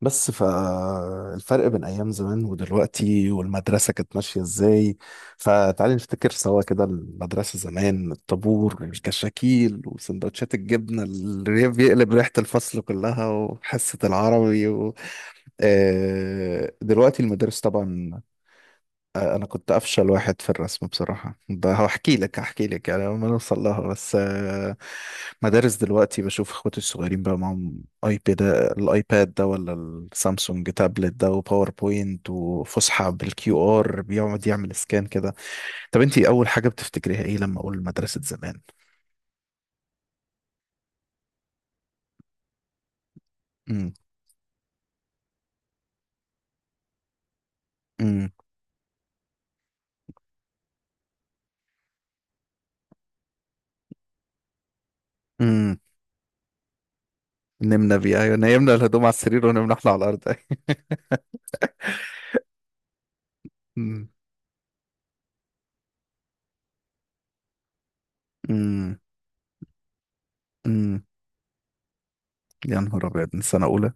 بس فالفرق بين ايام زمان ودلوقتي والمدرسه كانت ماشيه ازاي؟ فتعالي نفتكر سوا كده المدرسه زمان، الطابور، الكشاكيل، وسندوتشات الجبنه اللي بيقلب ريحه الفصل كلها، وحصه العربي و... دلوقتي المدارس طبعا. انا كنت افشل واحد في الرسم بصراحه، ده هحكي لك يعني لما نوصل لها، بس مدارس دلوقتي بشوف اخواتي الصغيرين بقى معاهم ايباد، الايباد ده ولا السامسونج تابلت ده، وباوربوينت، وفسحه بالكيو ار بيقعد يعمل سكان كده. طب انت اول حاجه بتفتكريها ايه لما اقول مدرسه زمان؟ امم. امم. امم. نمنا بيها، ايوه، نمنا الهدوم على السرير ونمنا احنا على الارض امم. امم. امم. يا نهار ابيض من سنه اولى.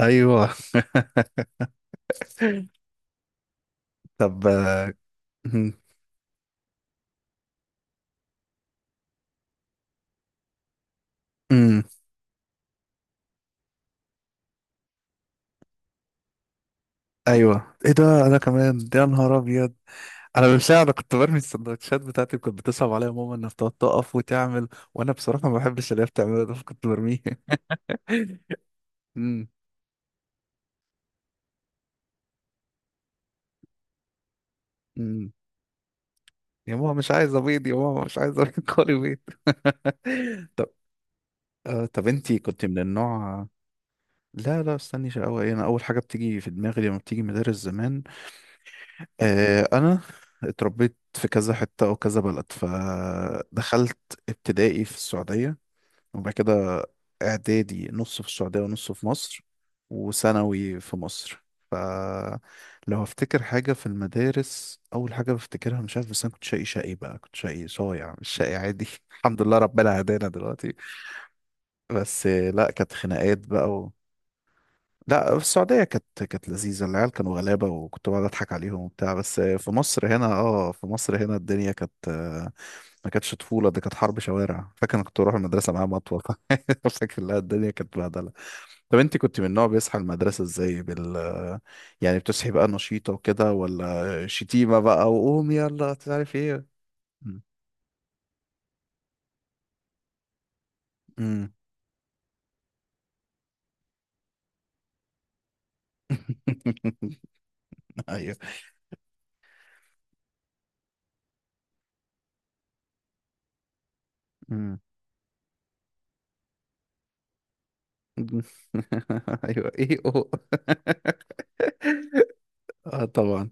ايوه. طب مهم. امم. ايوه، ايه ده، انا كمان يا نهار ابيض. انا بالفعل، انا كنت برمي السندوتشات بتاعتي، كنت بتصعب عليا ماما انها بتقعد تقف وتعمل، وانا بصراحه ما بحبش اللي هي بتعمله ده، فكنت برميه امم. امم. يا ماما مش عايز ابيض، يا ماما مش عايز ابيض، كولي بيض. طب. آه، طب انتي كنت من النوع. لا لا، استني، شقاوة ايه؟ انا اول حاجه بتيجي في دماغي لما بتيجي مدارس زمان، آه، انا اتربيت في كذا حته وكذا بلد، فدخلت ابتدائي في السعوديه، وبعد كده إعدادي نص في السعودية ونص في مصر، وثانوي في مصر. فلو هفتكر حاجة في المدارس، أول حاجة بفتكرها مش عارف، بس أنا كنت شقي شقي بقى، كنت شقي صايع مش شقي عادي الحمد لله ربنا هدانا دلوقتي. بس لا، كانت خناقات بقى. لا، في السعودية كانت لذيذة، العيال كانوا غلابة وكنت بقعد أضحك عليهم وبتاع. بس في مصر هنا، اه، في مصر هنا الدنيا كانت، ما كانتش طفولة، دي كانت حرب شوارع. فاكر أنا كنت بروح المدرسة معايا مطوة فاكر لا، الدنيا كانت بهدلة. طب أنت كنت من النوع بيصحى المدرسة إزاي بال، يعني بتصحي بقى نشيطة وكده ولا شتيمة بقى وقوم يلا مش عارف إيه؟ مم. مم. أيوه. مم. أيوه، إيه أوه. اه طبعا.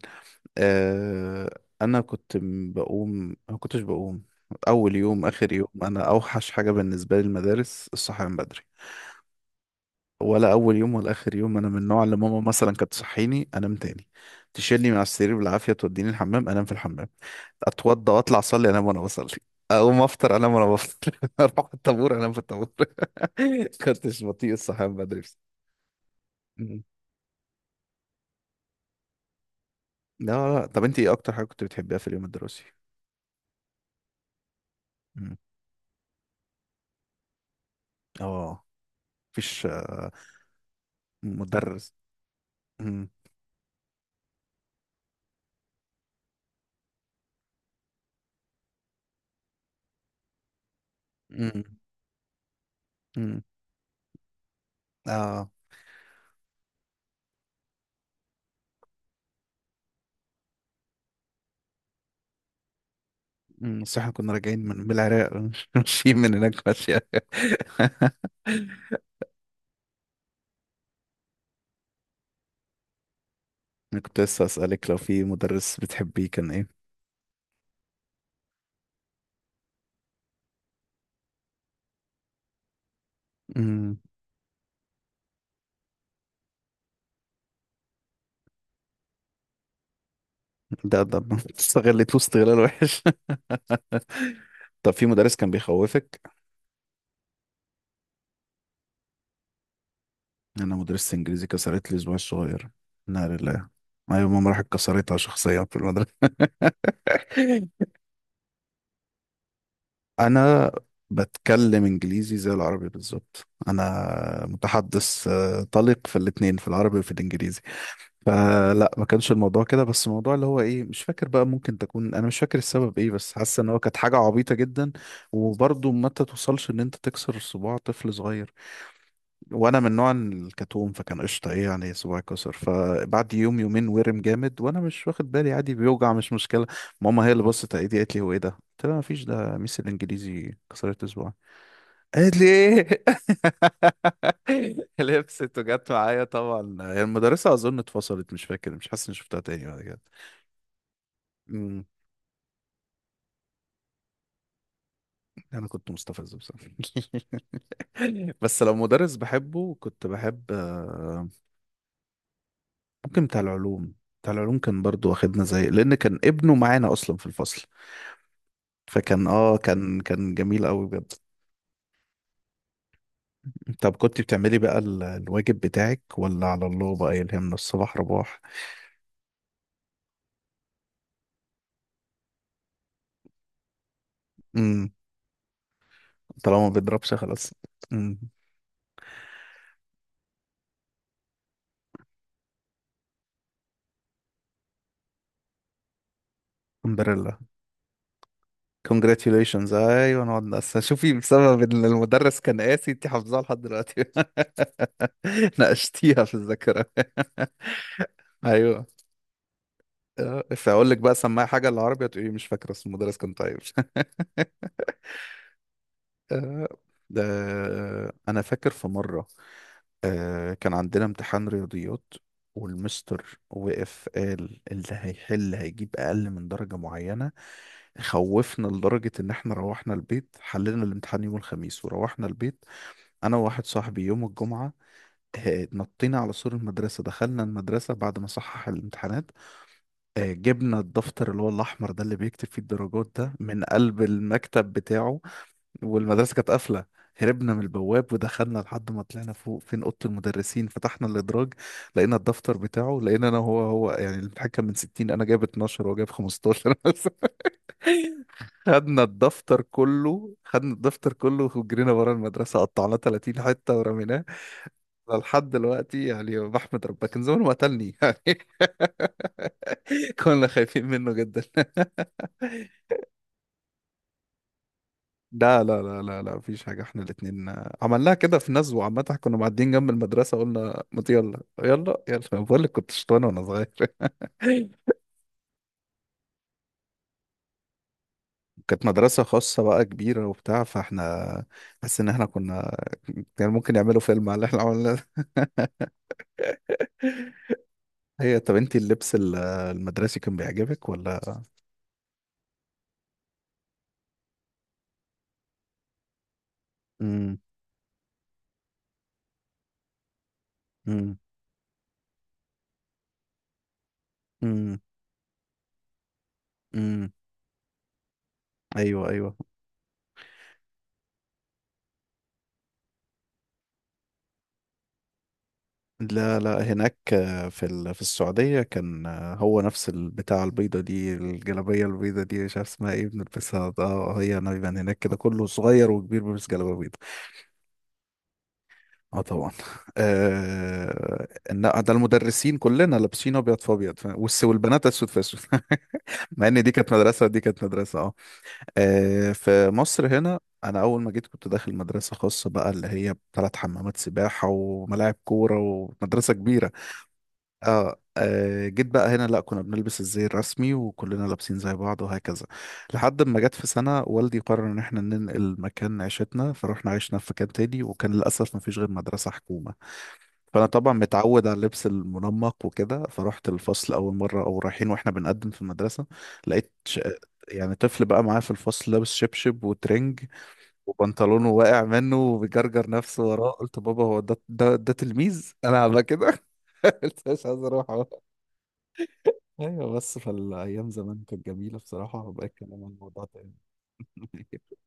انا كنت بقوم، ما كنتش بقوم. اول يوم، اخر يوم، انا اوحش حاجه بالنسبه لي المدارس الصحيان بدري. ولا اول يوم ولا اخر يوم، انا من النوع اللي ماما مثلا كانت تصحيني انام تاني، تشيلني من على السرير بالعافيه توديني الحمام، انام في الحمام، اتوضى واطلع اصلي انام وانا بصلي، اقوم افطر انام وانا بفطر اروح الطابور انام في الطابور كنتش بطيء الصحيان بدري. مم. لا لا، طب انت ايه اكتر حاجه كنت بتحبيها في اليوم الدراسي؟ مم. اه. مفيش مدرس. امم. امم. امم. اه. امم. بس احنا كنا راجعين من العراق مش ماشيين، من هناك ماشية انا كنت لسه اسالك لو في مدرس بتحبيه كان ايه. امم. ده استغلته استغلال وحش. طب في مدرس كان بيخوفك؟ انا مدرسة انجليزي كسرت لي اسبوعي الصغير. نار الله. ايوه، ماما راحت كسرتها شخصيا في المدرسة انا بتكلم انجليزي زي العربي بالظبط، انا متحدث طليق في الاتنين، في العربي وفي الانجليزي. فلا، ما كانش الموضوع كده. بس الموضوع اللي هو ايه مش فاكر بقى، ممكن تكون انا مش فاكر السبب ايه، بس حاسه ان هو كانت حاجه عبيطه جدا. وبرضه ما توصلش ان انت تكسر صباع طفل صغير. وانا من نوع الكتوم، فكان قشطه، ايه يعني صباعي كسر. فبعد يوم يومين ورم جامد، وانا مش واخد بالي، عادي بيوجع مش مشكله. ماما هي اللي بصت على ايدي، قالت لي هو ايه ده؟ قلت لها مفيش، ده ميس الانجليزي كسرت صباعي. قالت لي ايه؟ لبست وجت معايا طبعا، هي المدرسه اظن اتفصلت، مش فاكر، مش حاسس اني شفتها تاني بعد كده. امم. انا كنت مستفز بصراحه. بس لو مدرس بحبه كنت بحب، ممكن بتاع العلوم. بتاع العلوم كان برضو واخدنا زي، لان كان ابنه معانا اصلا في الفصل. فكان اه، كان جميل قوي بجد. طب كنت بتعملي بقى الواجب بتاعك ولا على الله بقى يلهمنا الصباح رباح؟ امم. طالما ما بيضربش خلاص. امم. الحمد لله. congratulations، ايوه، نقعد نقسم. شوفي بسبب ان المدرس كان قاسي انت حافظاها لحد دلوقتي. ناقشتيها في الذاكره. ايوه. فاقول لك بقى سماها حاجه العربية، تقولي مش فاكره اسم المدرس، كان طيب. آه، ده انا فاكر في مره كان عندنا امتحان رياضيات، والمستر وقف قال اللي هيحل هيجيب اقل من درجه معينه، خوفنا لدرجه ان احنا روحنا البيت حلينا الامتحان يوم الخميس. وروحنا البيت انا وواحد صاحبي يوم الجمعه، نطينا على سور المدرسه، دخلنا المدرسه بعد ما صحح الامتحانات، جبنا الدفتر اللي هو الاحمر ده اللي بيكتب فيه الدرجات ده من قلب المكتب بتاعه. والمدرسة كانت قافلة، هربنا من البواب ودخلنا لحد ما طلعنا فوق فين أوضة المدرسين، فتحنا الإدراج لقينا الدفتر بتاعه، لقينا أنا هو يعني، الامتحان كان من 60، أنا جايب 12 وهو جايب 15 خدنا الدفتر كله، خدنا الدفتر كله وجرينا ورا المدرسة قطعناه 30 حتة ورميناه. لحد دلوقتي يعني بحمد ربنا كان زمانه ما قتلني يعني كنا خايفين منه جدا. لا لا لا لا لا، مفيش حاجة، احنا الاتنين عملناها كده في نزوة عامة، كنا معديين جنب المدرسة قلنا ما يلا يلا يلا أنا بقول لك كنت شطان وانا صغير. كانت مدرسة خاصة بقى كبيرة وبتاع، فاحنا حاسس ان احنا كنا، كان ممكن يعملوا فيلم على اللي احنا عملناه ده. هي طب انت اللبس المدرسي كان بيعجبك ولا؟ امم. امم. امم. أمم. ايوه ايوه. لا لا، هناك في في السعودية كان، هو نفس البتاع، البيضة دي، الجلابية البيضة دي مش عارف اسمها ايه، بنلبسها اه. هي انا بيبقى هناك كده كله صغير وكبير بيلبس جلابية بيضة. اه طبعا. ده المدرسين كلنا لابسين ابيض في ابيض فاهم؟ والبنات اسود في اسود مع ان دي كانت مدرسة ودي كانت مدرسة، اه. في مصر هنا انا اول ما جيت كنت داخل مدرسة خاصة بقى، اللي هي بثلاث حمامات سباحة وملاعب كورة ومدرسة كبيرة. اه. جيت بقى هنا، لا، كنا بنلبس الزي الرسمي وكلنا لابسين زي بعض وهكذا. لحد ما جت في سنة والدي قرر ان احنا ننقل مكان عيشتنا، فروحنا عشنا في مكان تاني، وكان للأسف ما فيش غير مدرسة حكومة. فأنا طبعا متعود على اللبس المنمق وكده، فرحت الفصل أول مرة، أو رايحين واحنا بنقدم في المدرسة، لقيت يعني طفل بقى معاه في الفصل لابس شبشب وترنج، وبنطلونه واقع منه وبيجرجر نفسه وراه. قلت بابا هو ده، ده تلميذ انا عامله كده؟ قلت مش عايز اروح. ايوه، بس فالايام زمان كانت جميله بصراحه، وبقى الكلام عن الموضوع تاني.